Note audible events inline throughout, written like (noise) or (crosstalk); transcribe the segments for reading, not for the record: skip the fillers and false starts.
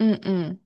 응, 응.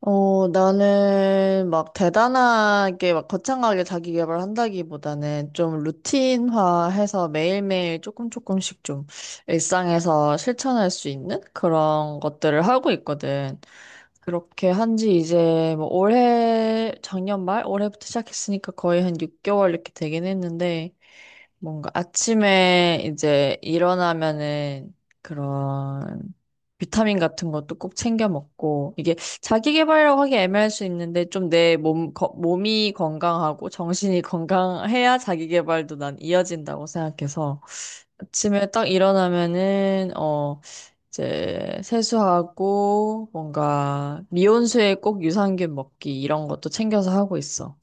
나는 막 대단하게 막 거창하게 자기 개발 한다기보다는 좀 루틴화해서 매일매일 조금씩 좀 일상에서 실천할 수 있는 그런 것들을 하고 있거든. 그렇게 한지 이제 뭐 올해 작년 말 올해부터 시작했으니까 거의 한 6개월 이렇게 되긴 했는데 뭔가 아침에 이제 일어나면은 그런 비타민 같은 것도 꼭 챙겨 먹고 이게 자기 개발이라고 하기 애매할 수 있는데 좀 몸이 건강하고 정신이 (laughs) 건강해야 자기 개발도 난 이어진다고 생각해서 아침에 딱 일어나면은 이제 세수하고 뭔가 미온수에 꼭 유산균 먹기 이런 것도 챙겨서 하고 있어.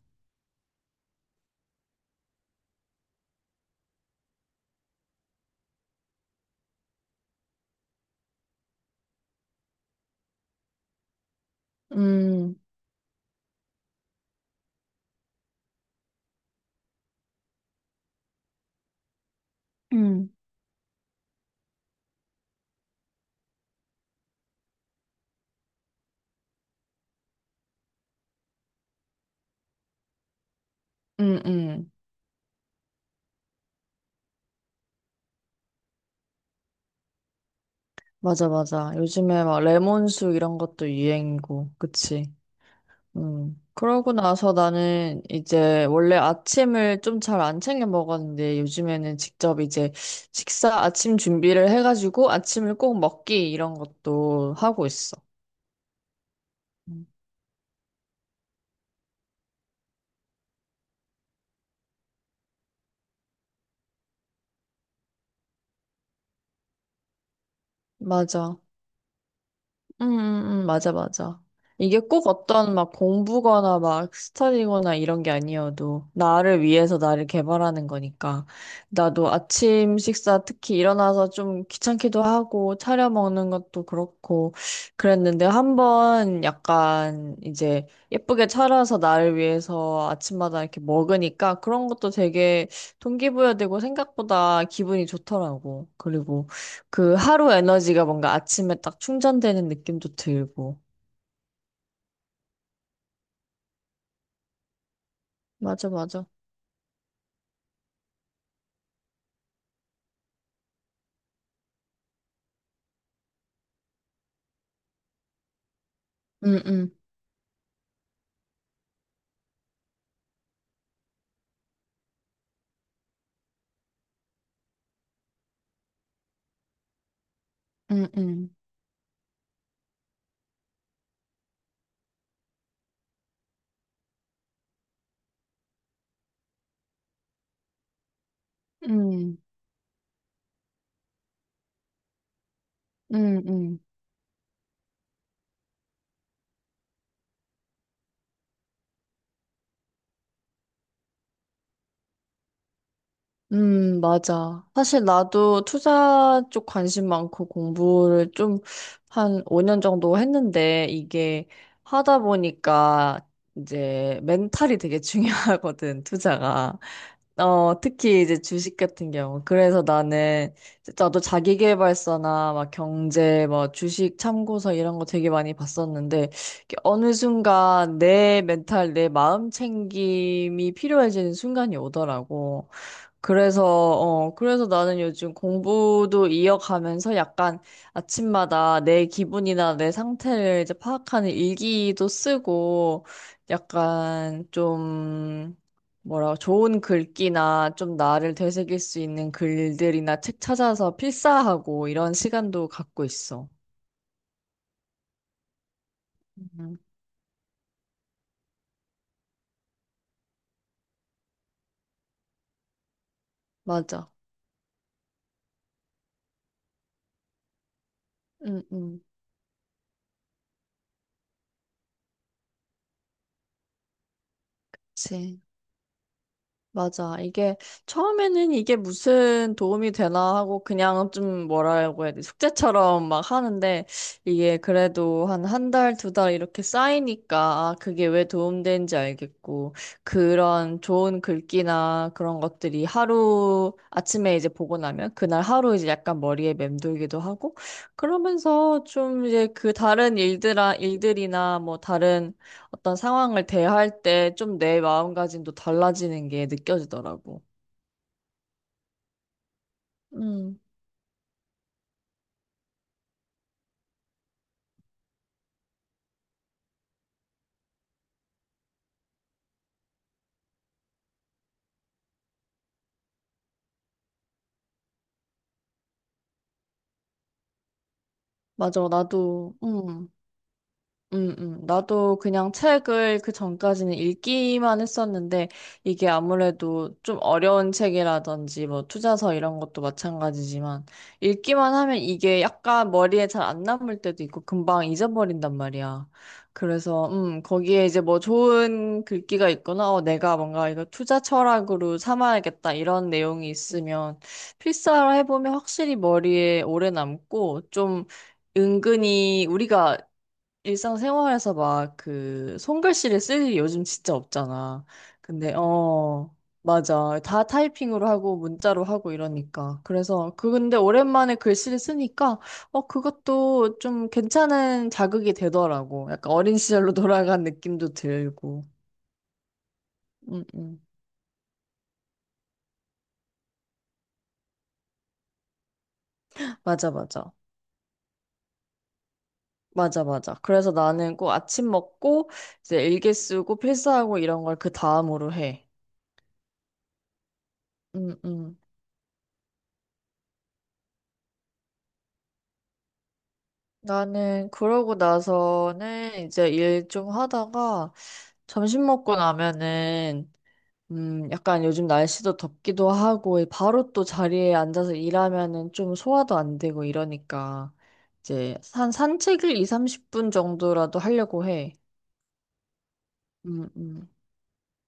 음, 음, 음, 음. 맞아, 맞아. 요즘에 막 레몬수 이런 것도 유행이고, 그치? 음. 그러고 나서 나는 이제 원래 아침을 좀 잘 안 챙겨 먹었는데 요즘에는 직접 이제 식사 아침 준비를 해가지고 아침을 꼭 먹기 이런 것도 하고 있어. 음. 맞아. 맞아, 맞아. 이게 꼭 어떤 막 공부거나 막 스터디거나 이런 게 아니어도 나를 위해서 나를 개발하는 거니까. 나도 아침 식사 특히 일어나서 좀 귀찮기도 하고 차려 먹는 것도 그렇고 그랬는데 한번 약간 이제 예쁘게 차려서 나를 위해서 아침마다 이렇게 먹으니까 그런 것도 되게 동기부여되고 생각보다 기분이 좋더라고. 그리고 그 하루 에너지가 뭔가 아침에 딱 충전되는 느낌도 들고. 맞아, 맞아. 응, 응, 응, 응, 응, 응, 응. 맞아. 사실 나도 투자 쪽 관심 많고 공부를 좀 한 5년 정도 했는데 이게 하다 보니까 이제 멘탈이 되게 (laughs) 중요하거든, 투자가. 어, 특히 이제 주식 같은 경우. 그래서 나는 진짜 나도 자기계발서나 막 경제, 뭐 주식 참고서 이런 거 되게 많이 봤었는데 이게 어느 순간 내 멘탈, 내 마음 챙김이 필요해지는 순간이 오더라고. 그래서 나는 요즘 공부도 이어가면서 약간 아침마다 내 기분이나 내 상태를 이제 파악하는 일기도 쓰고 약간 좀 뭐라고 좋은 글귀나 좀 나를 되새길 수 있는 글들이나 책 찾아서 필사하고 이런 시간도 갖고 있어. 음. 맞아. 응, 응. 그 맞아. 이게 처음에는 이게 무슨 도움이 되나 하고 그냥 좀 뭐라고 해야 돼. 숙제처럼 막 하는데 이게 그래도 한 한 달, 두 달 이렇게 쌓이니까 아, 그게 왜 도움되는지 알겠고 그런 좋은 글귀나 그런 것들이 하루 아침에 이제 보고 나면 그날 하루 이제 약간 머리에 맴돌기도 하고 그러면서 좀 이제 그 다른 일들이나 뭐 다른 어떤 상황을 대할 때 좀 내 마음가짐도 달라지는 게 느껴지더라고. 음, 맞아. 나도. 나도 그냥 책을 그 전까지는 읽기만 했었는데, 이게 아무래도 좀 어려운 책이라든지, 뭐, 투자서 이런 것도 마찬가지지만, 읽기만 하면 이게 약간 머리에 잘 안 남을 때도 있고, 금방 잊어버린단 말이야. 그래서, 거기에 이제 뭐 좋은 글귀가 있거나, 내가 뭔가 이거 투자 철학으로 삼아야겠다, 이런 내용이 있으면, 필사를 해보면 확실히 머리에 오래 남고, 좀, 은근히 우리가 일상생활에서 막 그 손글씨를 쓸 일이 요즘 진짜 없잖아. 근데 맞아, 다 타이핑으로 하고 문자로 하고 이러니까 그래서 근데 오랜만에 글씨를 쓰니까 그것도 좀 괜찮은 자극이 되더라고. 약간 어린 시절로 (laughs) 돌아간 느낌도 들고. 음, 음. 맞아, 맞아. 맞아, 맞아. 그래서 나는 꼭 아침 먹고, 이제 일기 쓰고, 필사하고 이런 걸 그 다음으로 해. 음, 음. 나는 그러고 나서는 이제 일 좀 하다가 점심 먹고 나면은 약간 요즘 날씨도 덥기도 하고 바로 또 자리에 앉아서 일하면은 좀 소화도 안 되고 이러니까 이제 한 산책을 2, 30분 정도라도 하려고 해. 음, 음.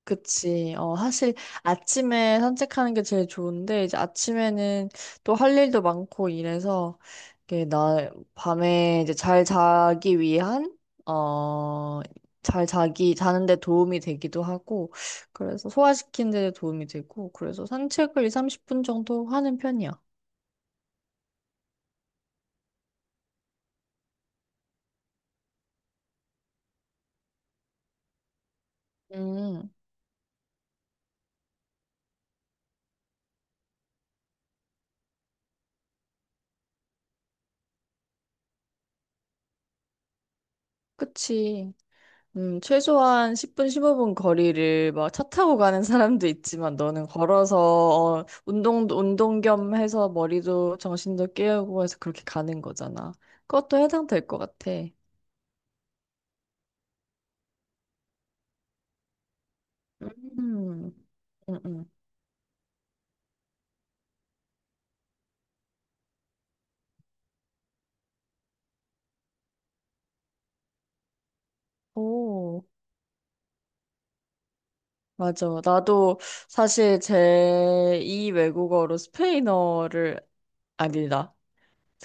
그치. 어, 사실 아침에 산책하는 게 제일 좋은데, 이제 아침에는 또 할 일도 많고 이래서, 이게 나, 밤에 이제 잘 자기 위한, 어, 자는데 도움이 되기도 하고, 그래서 소화시키는 데 도움이 되고, 그래서 산책을 2, 30분 정도 하는 편이야. 음, 그치. 최소한 10분, 15분 거리를 막 차 타고 가는 사람도 있지만 너는 걸어서 운동 겸 해서 머리도 정신도 깨우고 해서 그렇게 가는 거잖아. 그것도 해당될 것 같아. 음, 음, 음. 오, 맞아. 나도 사실 제2 외국어로 스페인어를 아니다.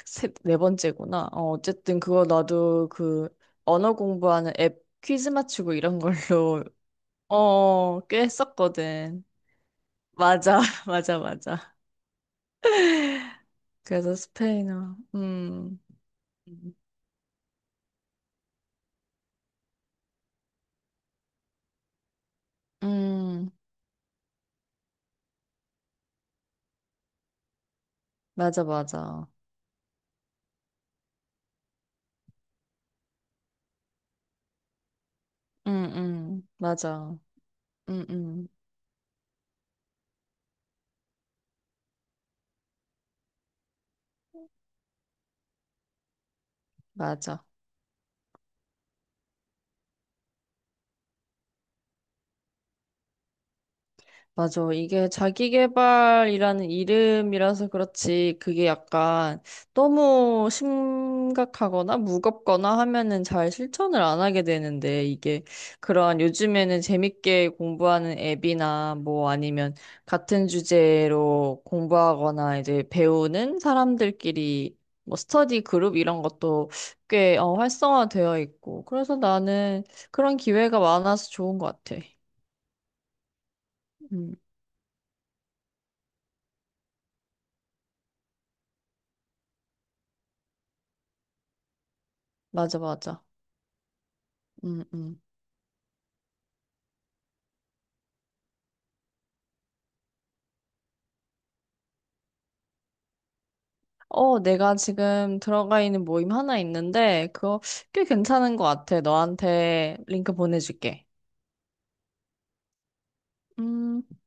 세, 네 번째구나. 어쨌든 그거 나도 그 언어 공부하는 앱 퀴즈 맞추고 이런 걸로 꽤 했었거든. 맞아, (laughs) 맞아, 맞아. 그래서 스페인어, 음, 맞아, 맞아. 맞아. 음, 음, 맞아. 맞아. 이게 자기계발이라는 이름이라서 그렇지, 그게 약간 너무 심각하거나 무겁거나 하면은 잘 실천을 안 하게 되는데, 이게 그러한 요즘에는 재밌게 공부하는 앱이나 뭐 아니면 같은 주제로 공부하거나 이제 배우는 사람들끼리 뭐 스터디 그룹 이런 것도 꽤 활성화되어 있고, 그래서 나는 그런 기회가 많아서 좋은 것 같아. 음, 맞아, 맞아. 음, 음. 어, 내가 지금 들어가 있는 모임 하나 있는데, 그거 꽤 괜찮은 것 같아. 너한테 링크 보내줄게. 음.